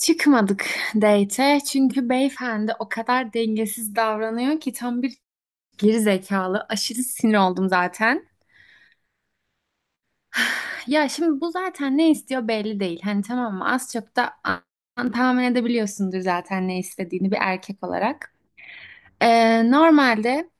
Çıkmadık date'e çünkü beyefendi o kadar dengesiz davranıyor ki tam bir geri zekalı. Aşırı sinir oldum zaten. Ya şimdi bu zaten ne istiyor belli değil. Hani tamam mı az çok da tahmin edebiliyorsundur zaten ne istediğini bir erkek olarak. Normalde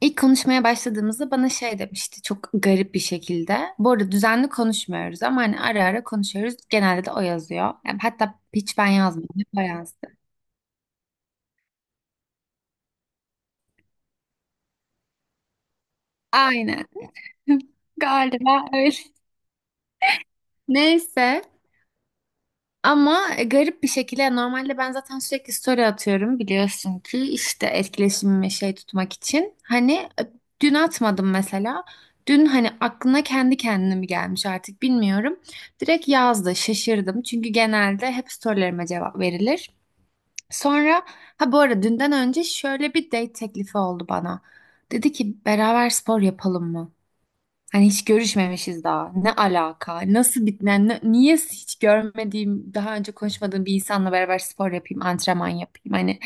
ilk konuşmaya başladığımızda bana şey demişti çok garip bir şekilde. Bu arada düzenli konuşmuyoruz ama hani ara ara konuşuyoruz. Genelde de o yazıyor. Yani hatta hiç ben yazmadım. O yazdı. Aynen. Galiba öyle. Neyse ama garip bir şekilde yani normalde ben zaten sürekli story atıyorum biliyorsun ki işte etkileşimimi şey tutmak için. Hani dün atmadım mesela. Dün hani aklına kendi kendine mi gelmiş artık bilmiyorum. Direkt yazdı şaşırdım çünkü genelde hep storylerime cevap verilir. Sonra ha bu arada dünden önce şöyle bir date teklifi oldu bana. Dedi ki beraber spor yapalım mı? Hani hiç görüşmemişiz daha. Ne alaka? Nasıl bitmen? Niye hiç görmediğim, daha önce konuşmadığım bir insanla beraber spor yapayım, antrenman yapayım? Hani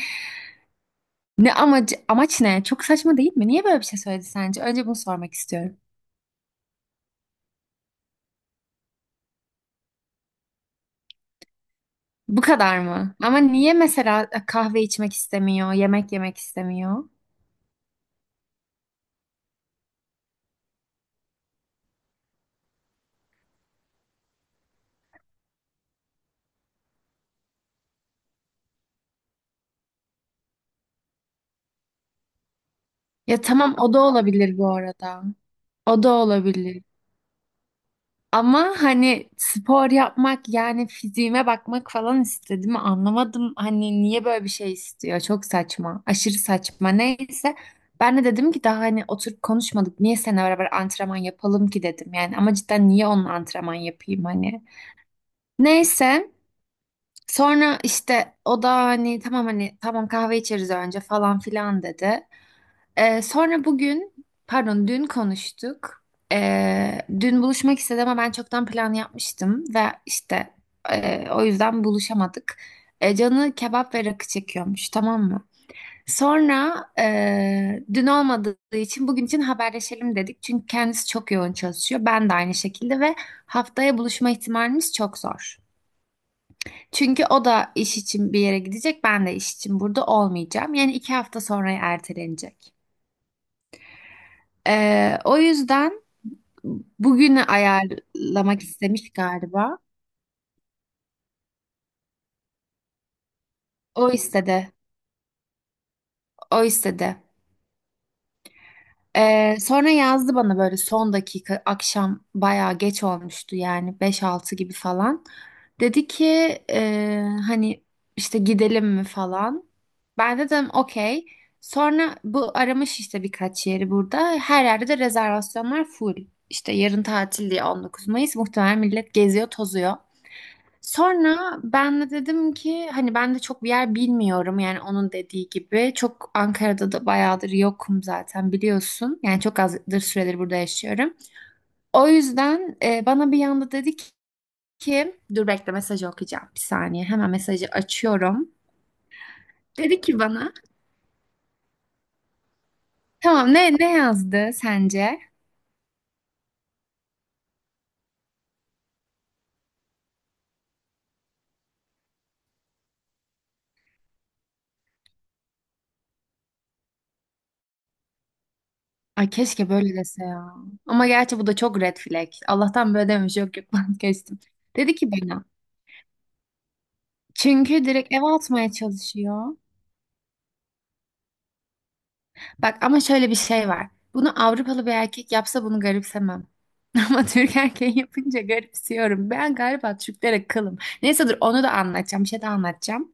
ne amacı, amaç ne? Çok saçma değil mi? Niye böyle bir şey söyledi sence? Önce bunu sormak istiyorum. Bu kadar mı? Ama niye mesela kahve içmek istemiyor, yemek yemek istemiyor? Ya tamam o da olabilir bu arada. O da olabilir. Ama hani spor yapmak yani fiziğime bakmak falan istedim. Anlamadım hani niye böyle bir şey istiyor. Çok saçma. Aşırı saçma. Neyse ben de dedim ki daha hani oturup konuşmadık. Niye seninle beraber antrenman yapalım ki dedim. Yani ama cidden niye onunla antrenman yapayım hani. Neyse sonra işte o da hani tamam hani tamam kahve içeriz önce falan filan dedi. Sonra bugün, pardon dün konuştuk. Dün buluşmak istedi ama ben çoktan plan yapmıştım ve işte o yüzden buluşamadık. E, canı kebap ve rakı çekiyormuş, tamam mı? Sonra dün olmadığı için bugün için haberleşelim dedik. Çünkü kendisi çok yoğun çalışıyor. Ben de aynı şekilde ve haftaya buluşma ihtimalimiz çok zor. Çünkü o da iş için bir yere gidecek, ben de iş için burada olmayacağım. Yani iki hafta sonra ertelenecek. O yüzden bugünü ayarlamak istemiş galiba. O istedi. O istedi. Sonra yazdı bana böyle son dakika akşam bayağı geç olmuştu yani beş altı gibi falan. Dedi ki hani işte gidelim mi falan. Ben dedim okey. Sonra bu aramış işte birkaç yeri burada. Her yerde de rezervasyonlar full. İşte yarın tatil diye 19 Mayıs muhtemelen millet geziyor tozuyor. Sonra ben de dedim ki hani ben de çok bir yer bilmiyorum yani onun dediği gibi. Çok Ankara'da da bayağıdır yokum zaten biliyorsun. Yani çok azdır süredir burada yaşıyorum. O yüzden bana bir yanda dedi ki dur bekle mesajı okuyacağım bir saniye. Hemen mesajı açıyorum. Dedi ki bana tamam ne yazdı sence? Ay keşke böyle dese ya. Ama gerçi bu da çok red flag. Allah'tan böyle dememiş yok yok ben dedi ki bana çünkü direkt eve atmaya çalışıyor. Bak ama şöyle bir şey var. Bunu Avrupalı bir erkek yapsa bunu garipsemem. Ama Türk erkeği yapınca garipsiyorum. Ben galiba Türklere kılım. Neyse dur onu da anlatacağım. Bir şey de anlatacağım.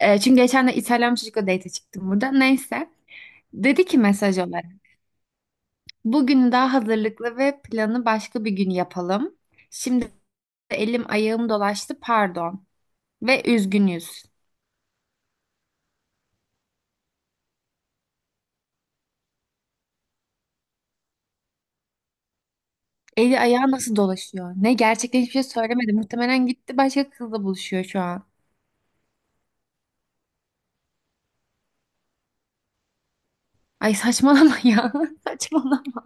Çünkü geçen de İtalyan bir çocukla date çıktım burada. Neyse. Dedi ki mesaj olarak. Bugün daha hazırlıklı ve planı başka bir gün yapalım. Şimdi elim ayağım dolaştı pardon. Ve üzgünüz. Eli ayağı nasıl dolaşıyor? Ne gerçekten hiçbir şey söylemedi. Muhtemelen gitti başka kızla buluşuyor şu an. Ay saçmalama ya. Saçmalama.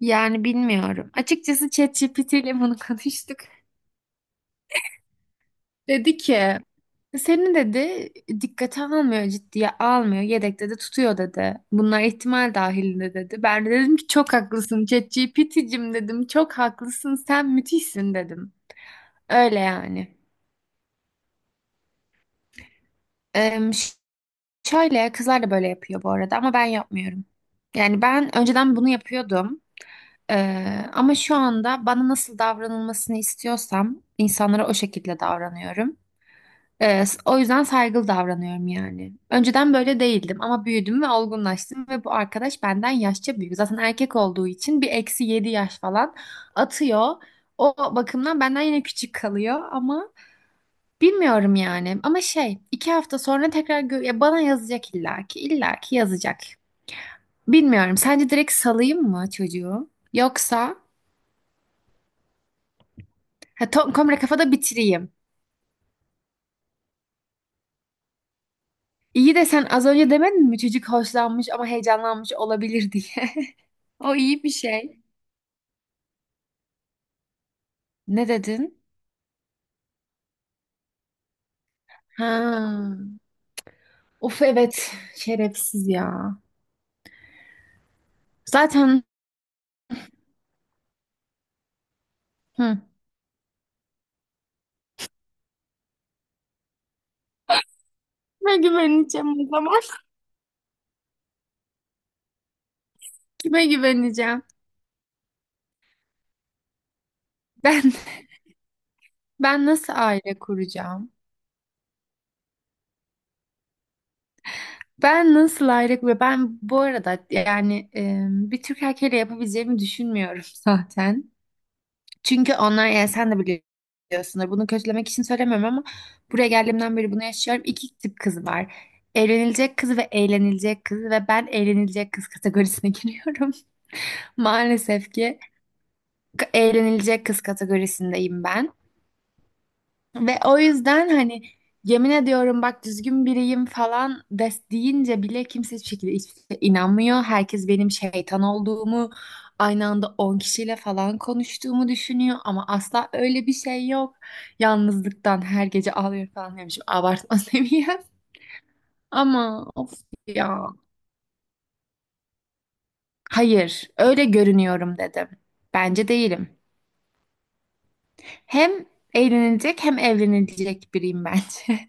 Yani bilmiyorum. Açıkçası ChatGPT ile bunu konuştuk. Dedi ki seni dedi dikkate almıyor, ciddiye almıyor, yedekte de tutuyor dedi. Bunlar ihtimal dahilinde dedi. Ben de dedim ki çok haklısın ChatGPT'cim dedim. Çok haklısın sen müthişsin dedim. Öyle yani. Em, ş- şöyle kızlar da böyle yapıyor bu arada ama ben yapmıyorum. Yani ben önceden bunu yapıyordum. Ama şu anda bana nasıl davranılmasını istiyorsam insanlara o şekilde davranıyorum. O yüzden saygılı davranıyorum yani. Önceden böyle değildim ama büyüdüm ve olgunlaştım ve bu arkadaş benden yaşça büyük. Zaten erkek olduğu için bir eksi 7 yaş falan atıyor. O bakımdan benden yine küçük kalıyor ama bilmiyorum yani. Ama şey iki hafta sonra tekrar ya bana yazacak illaki yazacak. Bilmiyorum. Sence direkt salayım mı çocuğu? Yoksa ha, tam komple kafada bitireyim. İyi de sen az önce demedin mi çocuk hoşlanmış ama heyecanlanmış olabilir diye. O iyi bir şey. Ne dedin? Ha. Of evet. Şerefsiz ya. Zaten hı. Kime güveneceğim o zaman? Kime güveneceğim? Ben Ben nasıl aile kuracağım? Ben nasıl aile kuracağım? Ben bu arada yani bir Türk erkeğiyle yapabileceğimi düşünmüyorum zaten. Çünkü onlar yani sen de biliyorsunlar. Bunu kötülemek için söylemiyorum ama buraya geldiğimden beri bunu yaşıyorum. İki tip kız var. Evlenilecek kız ve eğlenilecek kız ve ben eğlenilecek kız kategorisine giriyorum. Maalesef ki eğlenilecek kız kategorisindeyim ben. Ve o yüzden hani yemin ediyorum bak düzgün biriyim falan des deyince bile kimse hiçbir şekilde hiçbir şeye inanmıyor. Herkes benim şeytan olduğumu, aynı anda 10 kişiyle falan konuştuğumu düşünüyor ama asla öyle bir şey yok. Yalnızlıktan her gece ağlıyor falan demişim. Abartma seviyem. Ama of ya. Hayır, öyle görünüyorum dedim. Bence değilim. Hem eğlenilecek hem evlenilecek biriyim bence.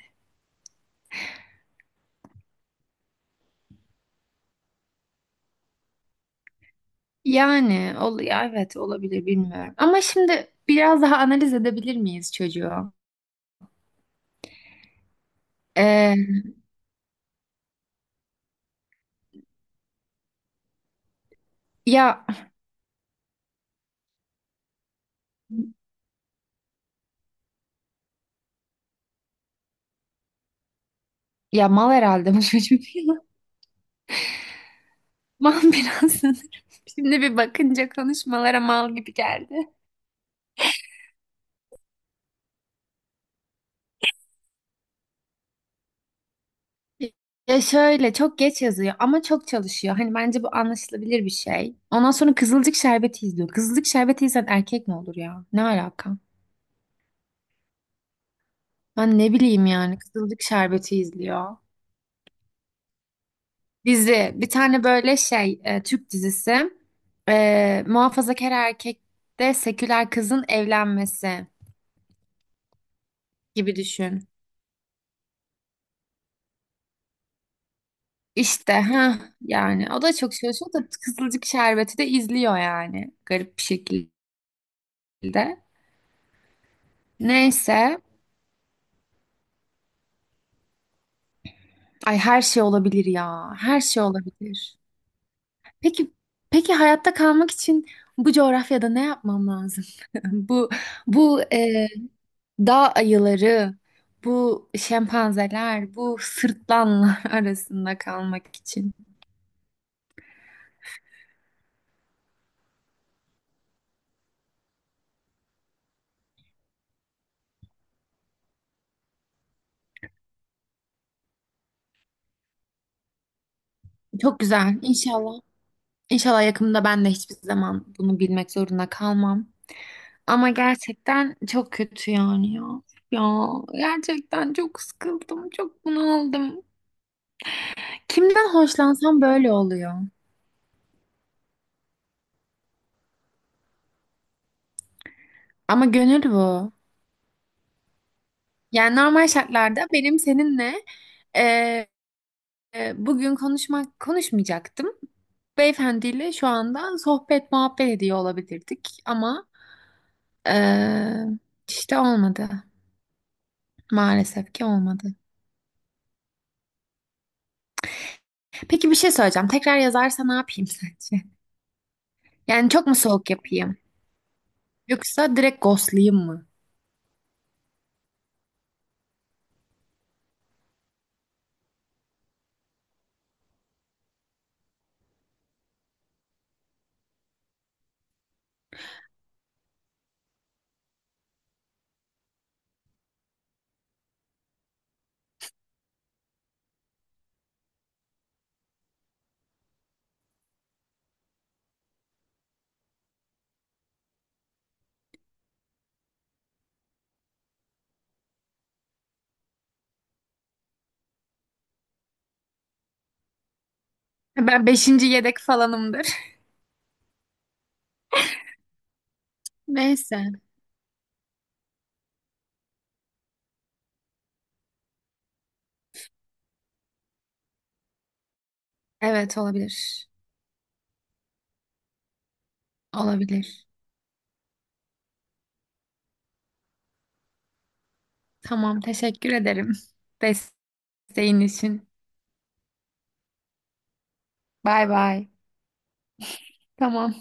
Yani ol ya evet olabilir bilmiyorum. Ama şimdi biraz daha analiz edebilir miyiz çocuğu? Ee, ya ya mal herhalde bu çocuk. Mal biraz sanırım. Şimdi bir bakınca konuşmalara mal gibi geldi. Ya şöyle çok geç yazıyor ama çok çalışıyor. Hani bence bu anlaşılabilir bir şey. Ondan sonra Kızılcık Şerbeti izliyor. Kızılcık Şerbeti izleyen erkek mi olur ya? Ne alaka? Ben ne bileyim yani Kızılcık Şerbeti izliyor. Dizi. Bir tane böyle şey Türk dizisi. Muhafazakar erkekte seküler kızın evlenmesi gibi düşün. İşte ha yani o da çok çalışıyor da Kızılcık Şerbeti de izliyor yani garip bir şekilde. Neyse. Ay her şey olabilir ya. Her şey olabilir. Peki, peki hayatta kalmak için bu coğrafyada ne yapmam lazım? Bu Bu dağ ayıları, bu şempanzeler, bu sırtlanlar arasında kalmak için. Çok güzel. İnşallah. İnşallah yakında ben de hiçbir zaman bunu bilmek zorunda kalmam. Ama gerçekten çok kötü yani ya. Ya gerçekten çok sıkıldım, çok bunaldım. Kimden hoşlansam böyle oluyor. Ama gönül bu. Yani normal şartlarda benim seninle e, bugün konuşmak konuşmayacaktım. Beyefendiyle şu anda sohbet muhabbet ediyor olabilirdik ama e, işte olmadı. Maalesef ki olmadı. Peki bir şey söyleyeceğim. Tekrar yazarsa ne yapayım sence? Yani çok mu soğuk yapayım? Yoksa direkt ghostlayayım mı? Ben beşinci yedek falanımdır. Neyse. Evet olabilir. Olabilir. Tamam teşekkür ederim. Desteğin için. Bay bay. Tamam.